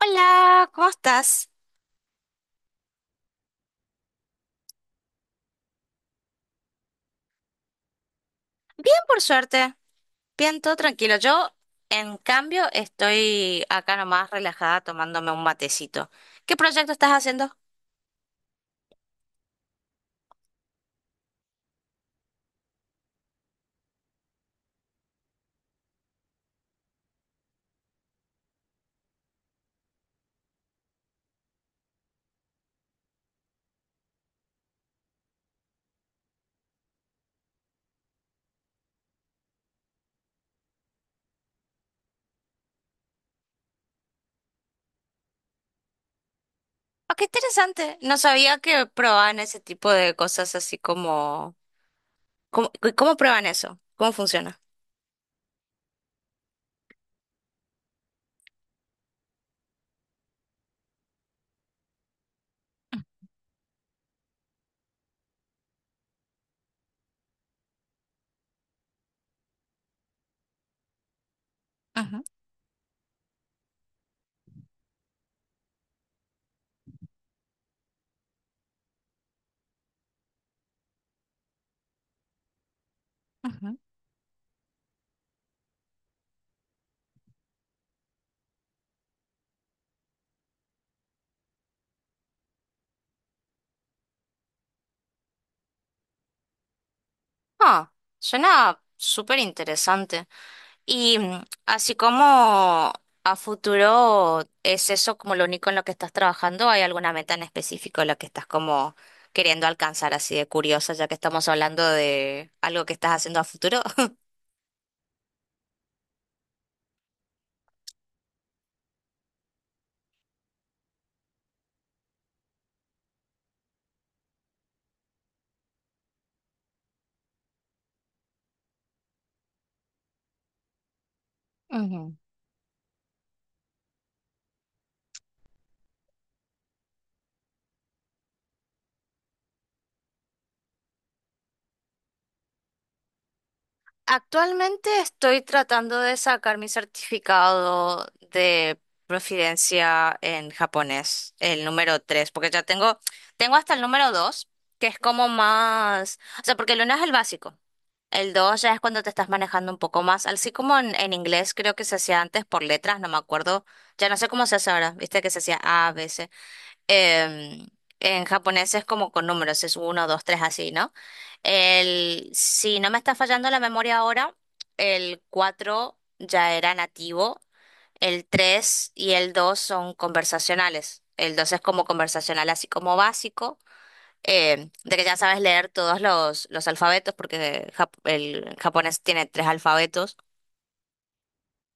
Hola, ¿cómo estás? Bien, por suerte. Bien, todo tranquilo. Yo, en cambio, estoy acá nomás relajada tomándome un matecito. ¿Qué proyecto estás haciendo? Ah, qué interesante. No sabía que probaban ese tipo de cosas así como... ¿¿Cómo prueban eso? ¿Cómo funciona? Ujú, ujú. Ah, suena súper interesante. Y así como a futuro, ¿es eso como lo único en lo que estás trabajando? ¿Hay alguna meta en específico en la que estás como queriendo alcanzar así de curiosa, ya que estamos hablando de algo que estás haciendo a futuro? Ujú. Actualmente estoy tratando de sacar mi certificado de proficiencia en japonés, el número 3 porque tengo hasta el número 2 que es como más, o sea, porque el 1 es el básico. El 2 ya es cuando te estás manejando un poco más, así como en inglés creo que se hacía antes por letras, no me acuerdo, ya no sé cómo se hace ahora, viste que se hacía A, B, C. Em, en japonés es como con números, es uno, 2, 3, así, ¿no? El, si no me está fallando la memoria ahora, el 4 ya era nativo, el 3 y el 2 son conversacionales, el 2 es como conversacional, así como básico, de que ya sabes leer los alfabetos, porque el japonés tiene tres alfabetos.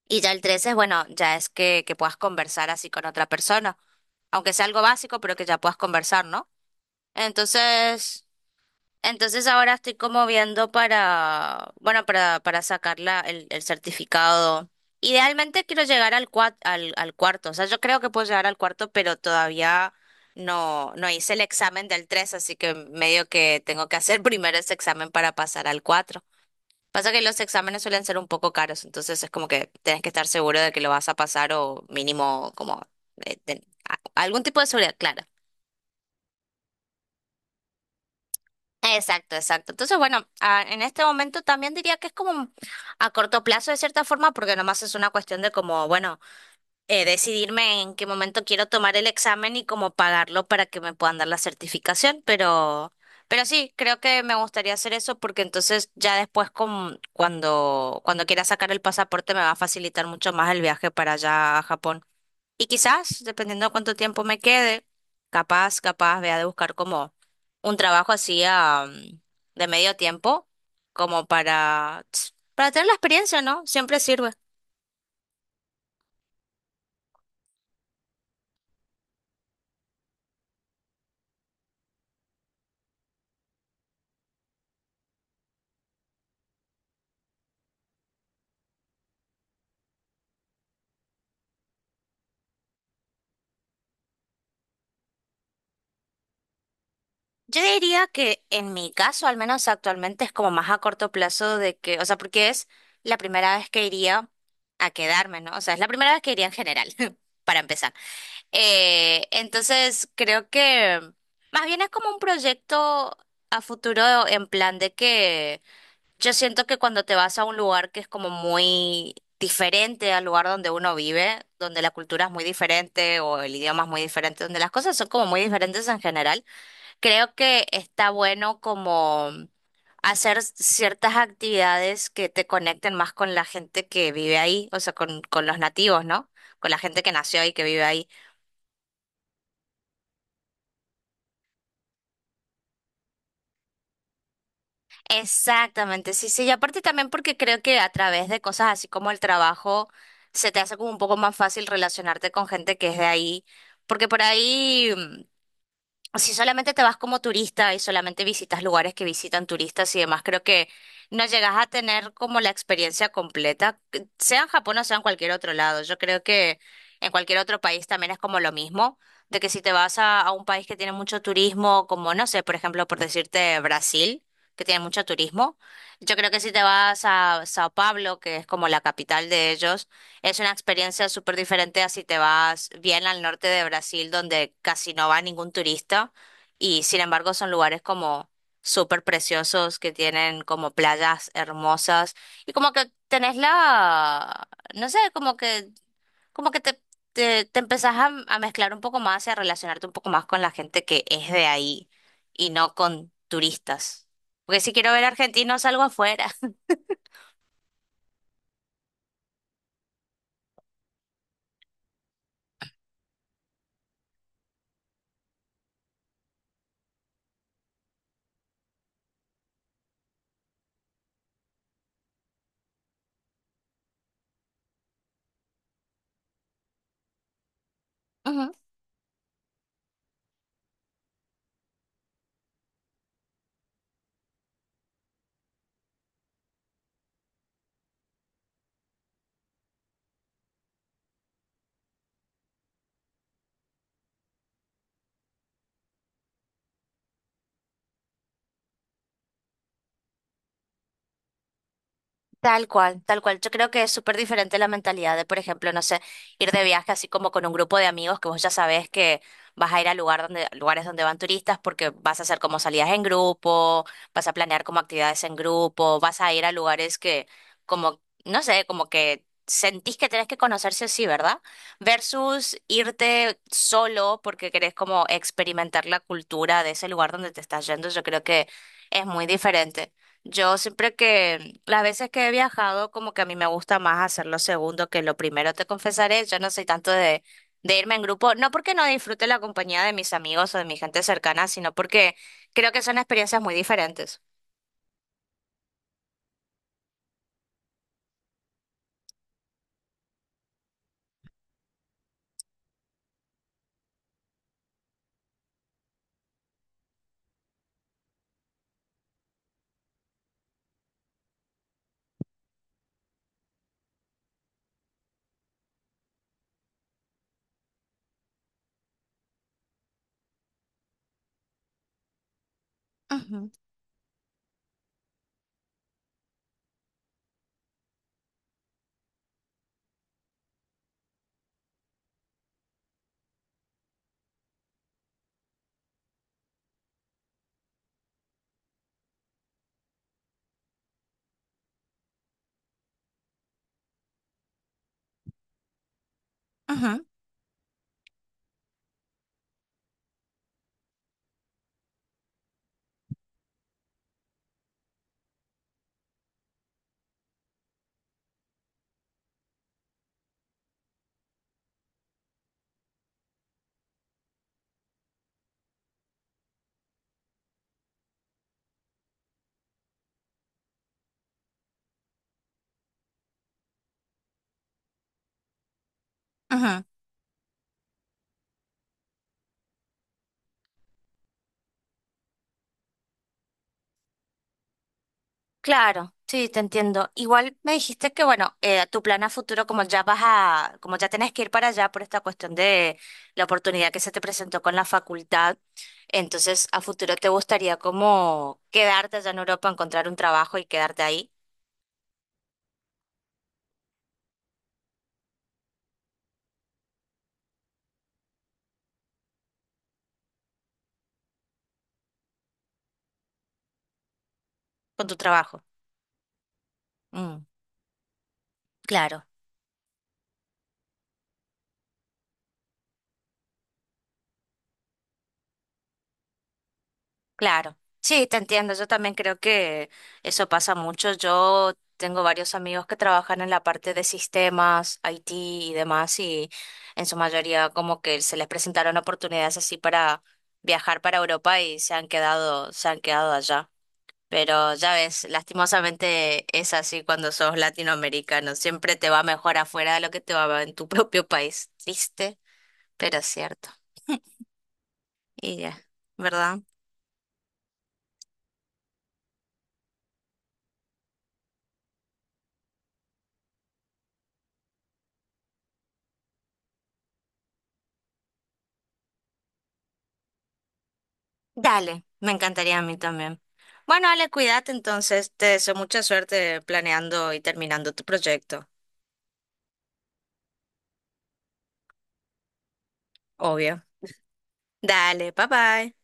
Y ya el tres es, bueno, ya es que puedas conversar así con otra persona, aunque sea algo básico, pero que ya puedas conversar, ¿no? Entonces, entonces ahora estoy como viendo para, bueno, para sacar el certificado. Idealmente quiero llegar al, al cuarto, o sea, yo creo que puedo llegar al cuarto, pero todavía no hice el examen del 3, así que medio que tengo que hacer primero ese examen para pasar al 4. Pasa que los exámenes suelen ser un poco caros, entonces es como que tienes que estar seguro de que lo vas a pasar o mínimo como eh, ten- algún tipo de seguridad, claro. Exacto, exacto. Entonces, bueno, ah, en este momento también diría que es como a corto plazo de cierta forma, porque nomás es una cuestión de como, bueno, decidirme en qué momento quiero tomar el examen y cómo pagarlo para que me puedan dar la certificación, pero sí, creo que me gustaría hacer eso porque entonces ya después cuando quiera sacar el pasaporte me va a facilitar mucho más el viaje para allá a Japón. Y quizás, dependiendo de cuánto tiempo me quede, capaz, vea de buscar como un trabajo así de medio tiempo, como para tener la experiencia, ¿no? Siempre sirve. Yo diría que en mi caso, al menos actualmente, es como más a corto plazo de que, o sea, porque es la primera vez que iría a quedarme, ¿no? O sea, es la primera vez que iría en general, para empezar. Entonces, creo que más bien es como un proyecto a futuro en plan de que yo siento que cuando te vas a un lugar que es como muy diferente al lugar donde uno vive, donde la cultura es muy diferente o el idioma es muy diferente, donde las cosas son como muy diferentes en general, creo que está bueno como hacer ciertas actividades que te conecten más con la gente que vive ahí, o sea, con los nativos, ¿no? Con la gente que nació y que vive ahí. Exactamente, sí, sí, y aparte también porque creo que a través de cosas así como el trabajo se te hace como un poco más fácil relacionarte con gente que es de ahí, porque por ahí si solamente te vas como turista y solamente visitas lugares que visitan turistas y demás, creo que no llegas a tener como la experiencia completa, que sea en Japón o sea en cualquier otro lado. Yo creo que en cualquier otro país también es como lo mismo, de que si te vas a un país que tiene mucho turismo, como no sé, por ejemplo, por decirte Brasil, que tiene mucho turismo, yo creo que si te vas a Sao Paulo, que es como la capital de ellos, es una experiencia súper diferente a si te vas bien al norte de Brasil, donde casi no va ningún turista, y sin embargo son lugares como súper preciosos, que tienen como playas hermosas, y como que tenés la, no sé, como que te empezás a mezclar un poco más y a relacionarte un poco más con la gente que es de ahí, y no con turistas. Porque si quiero ver argentinos, salgo afuera. Tal cual, tal cual. Yo creo que es súper diferente la mentalidad de, por ejemplo, no sé, ir de viaje así como con un grupo de amigos que vos ya sabés que vas a ir a lugar donde, lugares donde van turistas porque vas a hacer como salidas en grupo, vas a planear como actividades en grupo, vas a ir a lugares que como, no sé, como que sentís que tenés que conocerse así, ¿verdad? Versus irte solo porque querés como experimentar la cultura de ese lugar donde te estás yendo. Yo creo que es muy diferente. Yo siempre que, las veces que he viajado, como que a mí me gusta más hacer lo segundo que lo primero, te confesaré, yo no soy tanto de irme en grupo, no porque no disfrute la compañía de mis amigos o de mi gente cercana, sino porque creo que son experiencias muy diferentes. Ujú, ujú, ujú. Claro, sí, te entiendo. Igual me dijiste que, bueno, tu plan a futuro, como ya vas a, como ya tenés que ir para allá por esta cuestión de la oportunidad que se te presentó con la facultad, entonces a futuro te gustaría como quedarte allá en Europa, encontrar un trabajo y quedarte ahí con tu trabajo. Mm, claro. Claro, sí, te entiendo. Yo también creo que eso pasa mucho. Yo tengo varios amigos que trabajan en la parte de sistemas, IT y demás, y en su mayoría como que se les presentaron oportunidades así para viajar para Europa y se han quedado allá. Pero ya ves, lastimosamente es así cuando sos latinoamericano. Siempre te va mejor afuera de lo que te va en tu propio país. Triste, pero cierto. Y ya, ¿verdad? Dale, me encantaría a mí también. Bueno, Ale, cuídate entonces. Te deseo mucha suerte planeando y terminando tu proyecto, obvio. Dale, bye bye.